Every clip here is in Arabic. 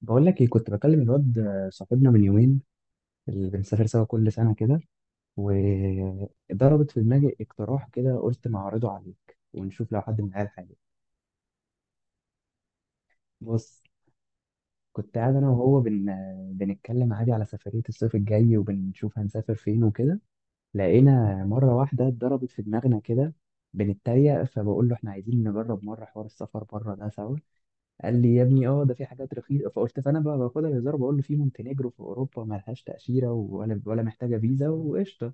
بقول لك ايه؟ كنت بكلم الواد صاحبنا من يومين اللي بنسافر سوا كل سنة كده، وضربت في دماغي اقتراح كده. قلت ما اعرضه عليك ونشوف لو حد من العيال حاجة. بص، كنت قاعد انا وهو بنتكلم عادي على سفرية الصيف الجاي وبنشوف هنسافر فين وكده. لقينا مرة واحدة ضربت في دماغنا كده، بنتريق. فبقول له احنا عايزين نجرب مرة حوار السفر بره ده سوا. قال لي يا ابني اه ده في حاجات رخيصه، فقلت، فانا بقى باخدها بهزار، بقول له في مونتينيجرو في اوروبا ما لهاش تاشيره ولا محتاجه فيزا وقشطه.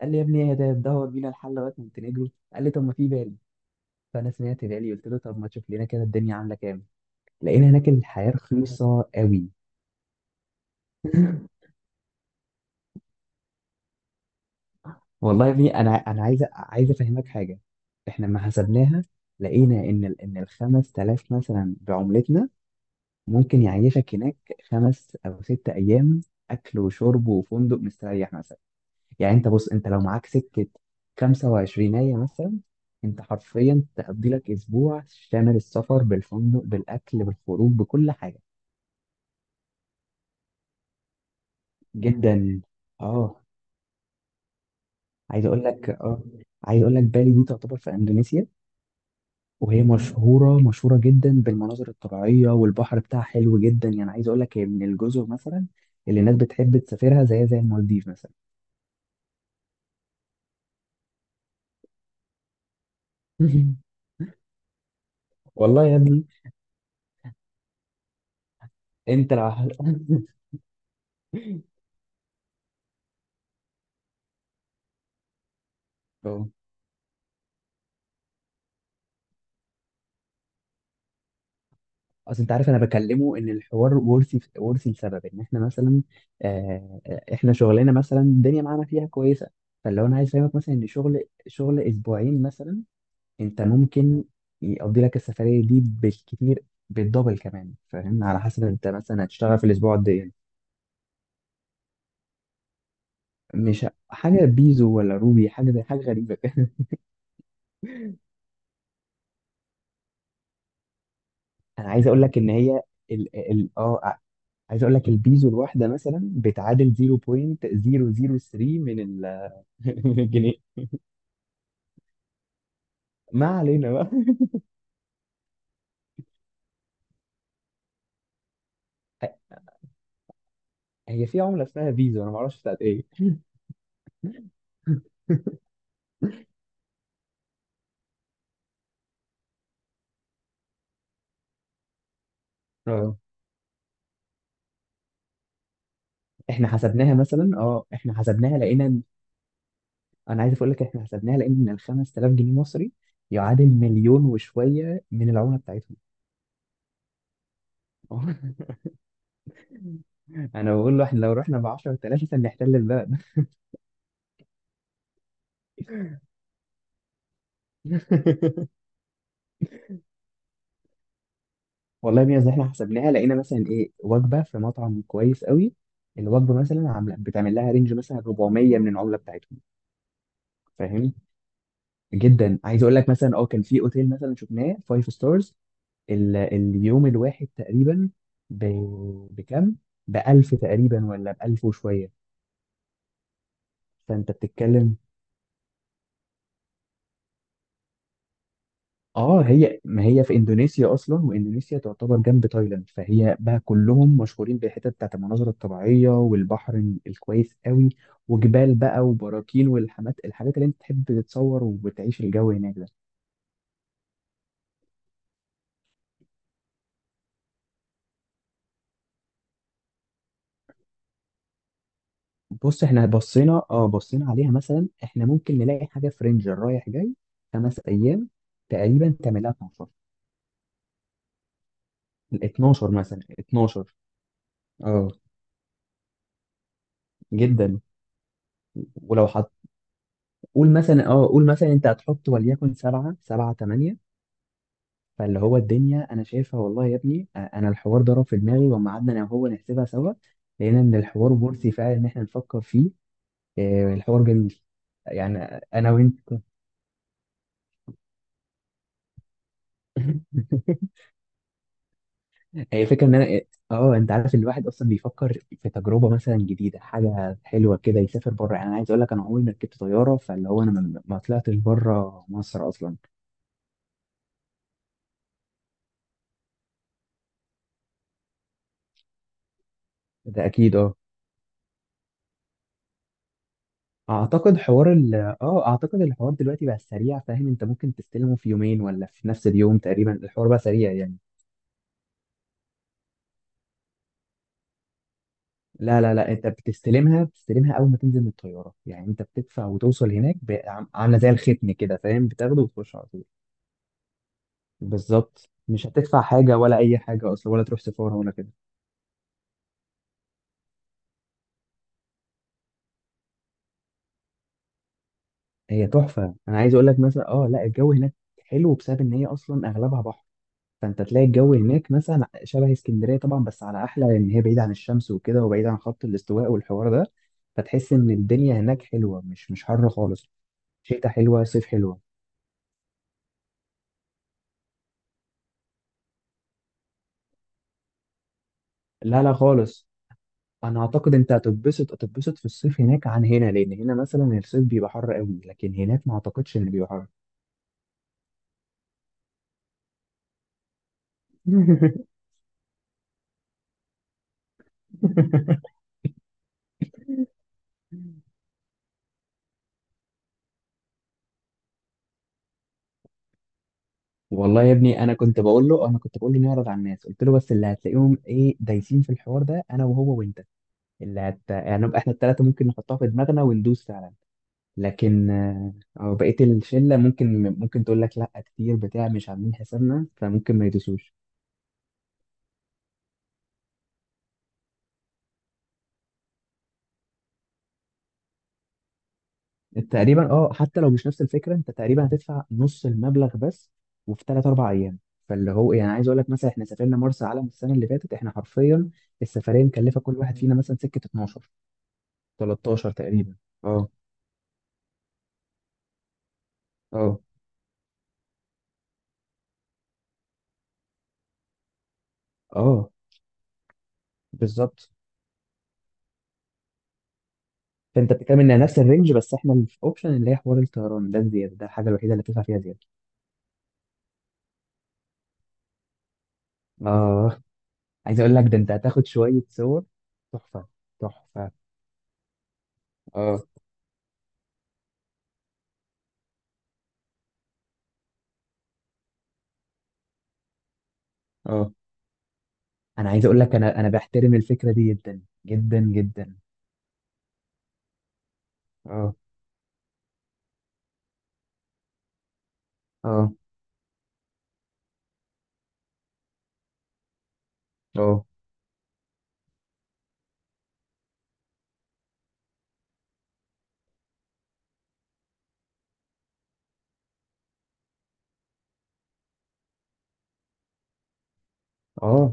قال لي يا ابني ايه ده، تدور بينا الحل لغايه مونتينيجرو؟ قال لي طب ما في بالي. فانا سمعت بالي، قلت له طب ما تشوف لنا كده الدنيا عامله كام. لقينا هناك الحياه رخيصه قوي. والله يا ابني انا عايز عايز افهمك حاجه. احنا لما حسبناها لقينا ان ال 5000 مثلا بعملتنا ممكن يعيشك هناك 5 او 6 ايام، اكل وشرب وفندق مستريح مثلا. يعني انت بص، انت لو معاك سكه 25 مثلا، انت حرفيا تقضي لك اسبوع شامل السفر بالفندق بالاكل بالخروج بكل حاجه. جدا. اه، عايز اقول لك، بالي دي تعتبر في اندونيسيا، وهي مشهوره جدا بالمناظر الطبيعيه، والبحر بتاعها حلو جدا. يعني عايز اقول لك هي من الجزر مثلا اللي الناس بتحب تسافرها زي المالديف مثلا. والله يا ابني، انت لو اه، اصل انت عارف انا بكلمه ان الحوار ورثي ورثي لسبب ان احنا مثلا، آه، احنا شغلنا مثلا الدنيا معانا فيها كويسه. فلو انا عايز افهمك مثلا ان شغل اسبوعين مثلا، انت ممكن يقضي لك السفريه دي بالكتير، بالدبل كمان. فاهم؟ على حسب انت مثلا هتشتغل في الاسبوع قد ايه. مش حاجه بيزو ولا روبي، حاجه زي حاجه غريبه كده. انا عايز اقول لك ان هي ال ال اه عايز اقول لك البيزو الواحده مثلا بتعادل 0.003 من ال- من الجنيه. ما علينا بقى. هي في عملة اسمها فيزا، انا ما اعرفش بتاعت ايه. اه، احنا حسبناها لقينا انا عايز اقول لك احنا حسبناها لقينا ان ال 5000 جنيه مصري يعادل مليون وشوية من العملة بتاعتهم. انا بقول له احنا لو رحنا ب 10000 مثلا نحتل البلد. والله بجد احنا حسبناها لقينا مثلا، ايه، وجبة في مطعم كويس قوي. الوجبة مثلا عاملة، بتعمل لها رينج مثلا 400 من العملة بتاعتهم. فاهم؟ جدا. عايز اقول لك مثلا، اه، كان في اوتيل مثلا شفناه 5 ستارز. اليوم الواحد تقريبا ب... بكام؟ بألف تقريبا ولا بألف وشوية. فأنت بتتكلم، اه هي، ما هي في اندونيسيا اصلا، واندونيسيا تعتبر جنب تايلاند، فهي بقى كلهم مشهورين بالحتت بتاعت المناظر الطبيعيه والبحر الكويس قوي، وجبال بقى وبراكين، والحاجات اللي انت تحب تتصور وتعيش الجو هناك ده. بص، احنا بصينا عليها مثلا، احنا ممكن نلاقي حاجه فرنجر رايح جاي 5 ايام تقريبا تعملها في مصر 12، اه، جدا. ولو حط، قول مثلا، اه، قول مثلا انت هتحط وليكن سبعة 8. فاللي هو الدنيا انا شايفها، والله يا ابني، آه، انا الحوار ضرب في دماغي، وما قعدنا انا وهو نحسبها سوا. لقينا ان الحوار مرسي فعلا ان احنا نفكر فيه. آه، الحوار جميل يعني. انا وانت. هي الفكرة ان انا إيه، اه انت عارف ان الواحد اصلا بيفكر في تجربة مثلا جديدة، حاجة حلوة كده، يسافر بره. يعني انا عايز اقول لك انا عمري ما ركبت طيارة، فاللي هو انا ما طلعتش بره مصر اصلا. ده اكيد، اه. اعتقد حوار ال، اه، اعتقد الحوار دلوقتي بقى سريع. فاهم؟ انت ممكن تستلمه في يومين ولا في نفس اليوم تقريبا. الحوار بقى سريع يعني. لا انت بتستلمها، بتستلمها اول ما تنزل من الطيارة. يعني انت بتدفع وتوصل هناك ب-، عاملة زي الختم كده، فاهم؟ بتاخده وتخش على طول. بالظبط، مش هتدفع حاجه ولا اي حاجه اصلا، ولا تروح سفاره ولا كده. هي تحفه. انا عايز اقول لك مثلا، اه، لا، الجو هناك حلو بسبب ان هي اصلا اغلبها بحر، فانت تلاقي الجو هناك مثلا شبه اسكندريه طبعا، بس على احلى، لان هي بعيده عن الشمس وكده، وبعيده عن خط الاستواء والحوار ده. فتحس ان الدنيا هناك حلوه، مش حر خالص. شتاء حلوه، صيف حلوه. لا لا خالص. انا اعتقد انت هتتبسط في الصيف هناك عن هنا، لان هنا مثلا الصيف بيبقى حر قوي، لكن هناك ما اعتقدش ان بيبقى حر. والله يا ابني، انا كنت بقول له نعرض على الناس. قلت له بس اللي هتلاقيهم ايه دايسين في الحوار ده انا وهو وانت. اللي هت، يعني، نبقى احنا الثلاثه ممكن نحطها في دماغنا وندوس فعلا. لكن آه، أو بقيه الشله ممكن تقول لك لا، كتير بتاع مش عاملين حسابنا، فممكن ما يدوسوش. تقريبا، اه، حتى لو مش نفس الفكره، انت تقريبا هتدفع نص المبلغ بس، وفي 3 او 4 ايام. فاللي هو، يعني، عايز اقول لك مثلا، احنا سافرنا مرسى علم السنه اللي فاتت، احنا حرفيا السفريه مكلفه كل واحد فينا مثلا سكه 12، 13 تقريبا. اه، اه، اه، بالظبط. فانت بتتكلم انها نفس الرينج، بس احنا اللي في اوبشن اللي هي حوار الطيران ده، الزياده، ده الحاجه الوحيده اللي بتدفع فيها زياده. اه، عايز اقول لك ده انت هتاخد شويه صور تحفه، تحفه. اه، اه. انا عايز اقول لك انا بحترم الفكره دي جدا جدا جدا. اه، اه، اه، اه،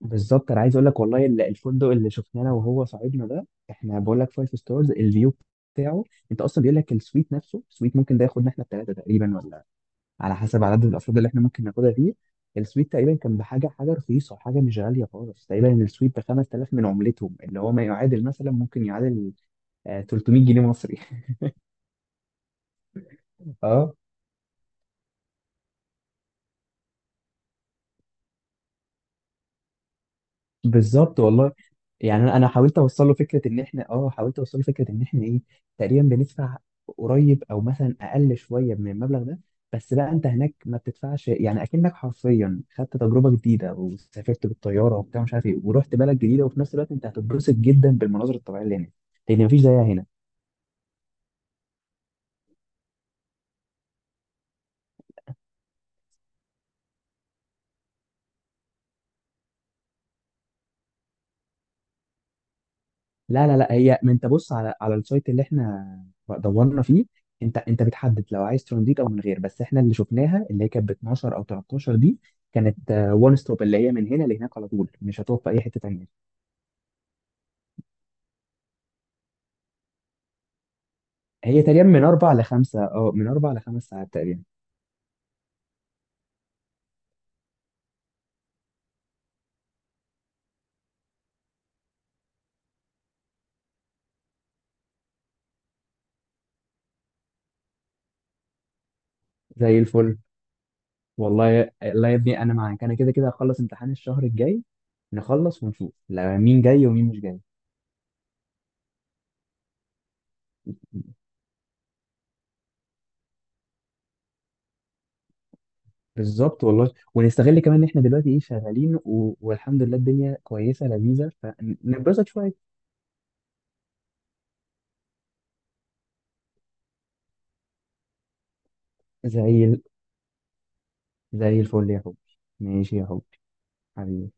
بالظبط. انا عايز اقول لك والله الفندق اللي شفناه انا وهو صاحبنا ده، احنا بقول لك فايف ستارز. الفيو بتاعه، انت اصلا بيقول لك السويت نفسه، السويت ممكن ده ياخدنا احنا الثلاثه تقريبا، ولا على حسب عدد الافراد اللي احنا ممكن ناخدها فيه. السويت تقريبا كان بحاجه، حاجه رخيصه، حاجه مش غاليه خالص. تقريبا السويت ب 5000 من عملتهم، اللي هو ما يعادل مثلا، ممكن يعادل، آه، 300 جنيه مصري. اه، بالظبط والله. يعني انا حاولت اوصل له فكره ان احنا، اه، حاولت اوصل له فكره ان احنا ايه، تقريبا بندفع قريب او مثلا اقل شويه من المبلغ ده، بس بقى انت هناك ما بتدفعش. يعني اكنك حرفيا خدت تجربه جديده وسافرت بالطياره وبتاع مش عارف ايه، ورحت بلد جديده، وفي نفس الوقت انت هتتبسط جدا بالمناظر الطبيعيه اللي هناك، لان مفيش زيها هنا. لا هي، ما انت بص على السايت اللي احنا دورنا فيه، انت بتحدد لو عايز ترانزيت او من غير، بس احنا اللي شفناها اللي هي كانت ب 12 او 13 دي كانت. وان ستوب اللي هي من هنا لهناك على طول، مش هتقف في اي حته تانيه. هي تقريبا من اربع لخمسه، اه، من 4 لـ5 ساعات تقريبا. زي الفل. والله، لا يا ابني، انا معاك. انا كده كده هخلص امتحان الشهر الجاي، نخلص ونشوف لا مين جاي ومين مش جاي. بالظبط والله، ونستغل كمان ان احنا دلوقتي، ايه، شغالين و... والحمد لله الدنيا كويسه لذيذه، فنتبسط شويه. زي ال... زي الفل يا حبي. ماشي يا حبي، حبيبي.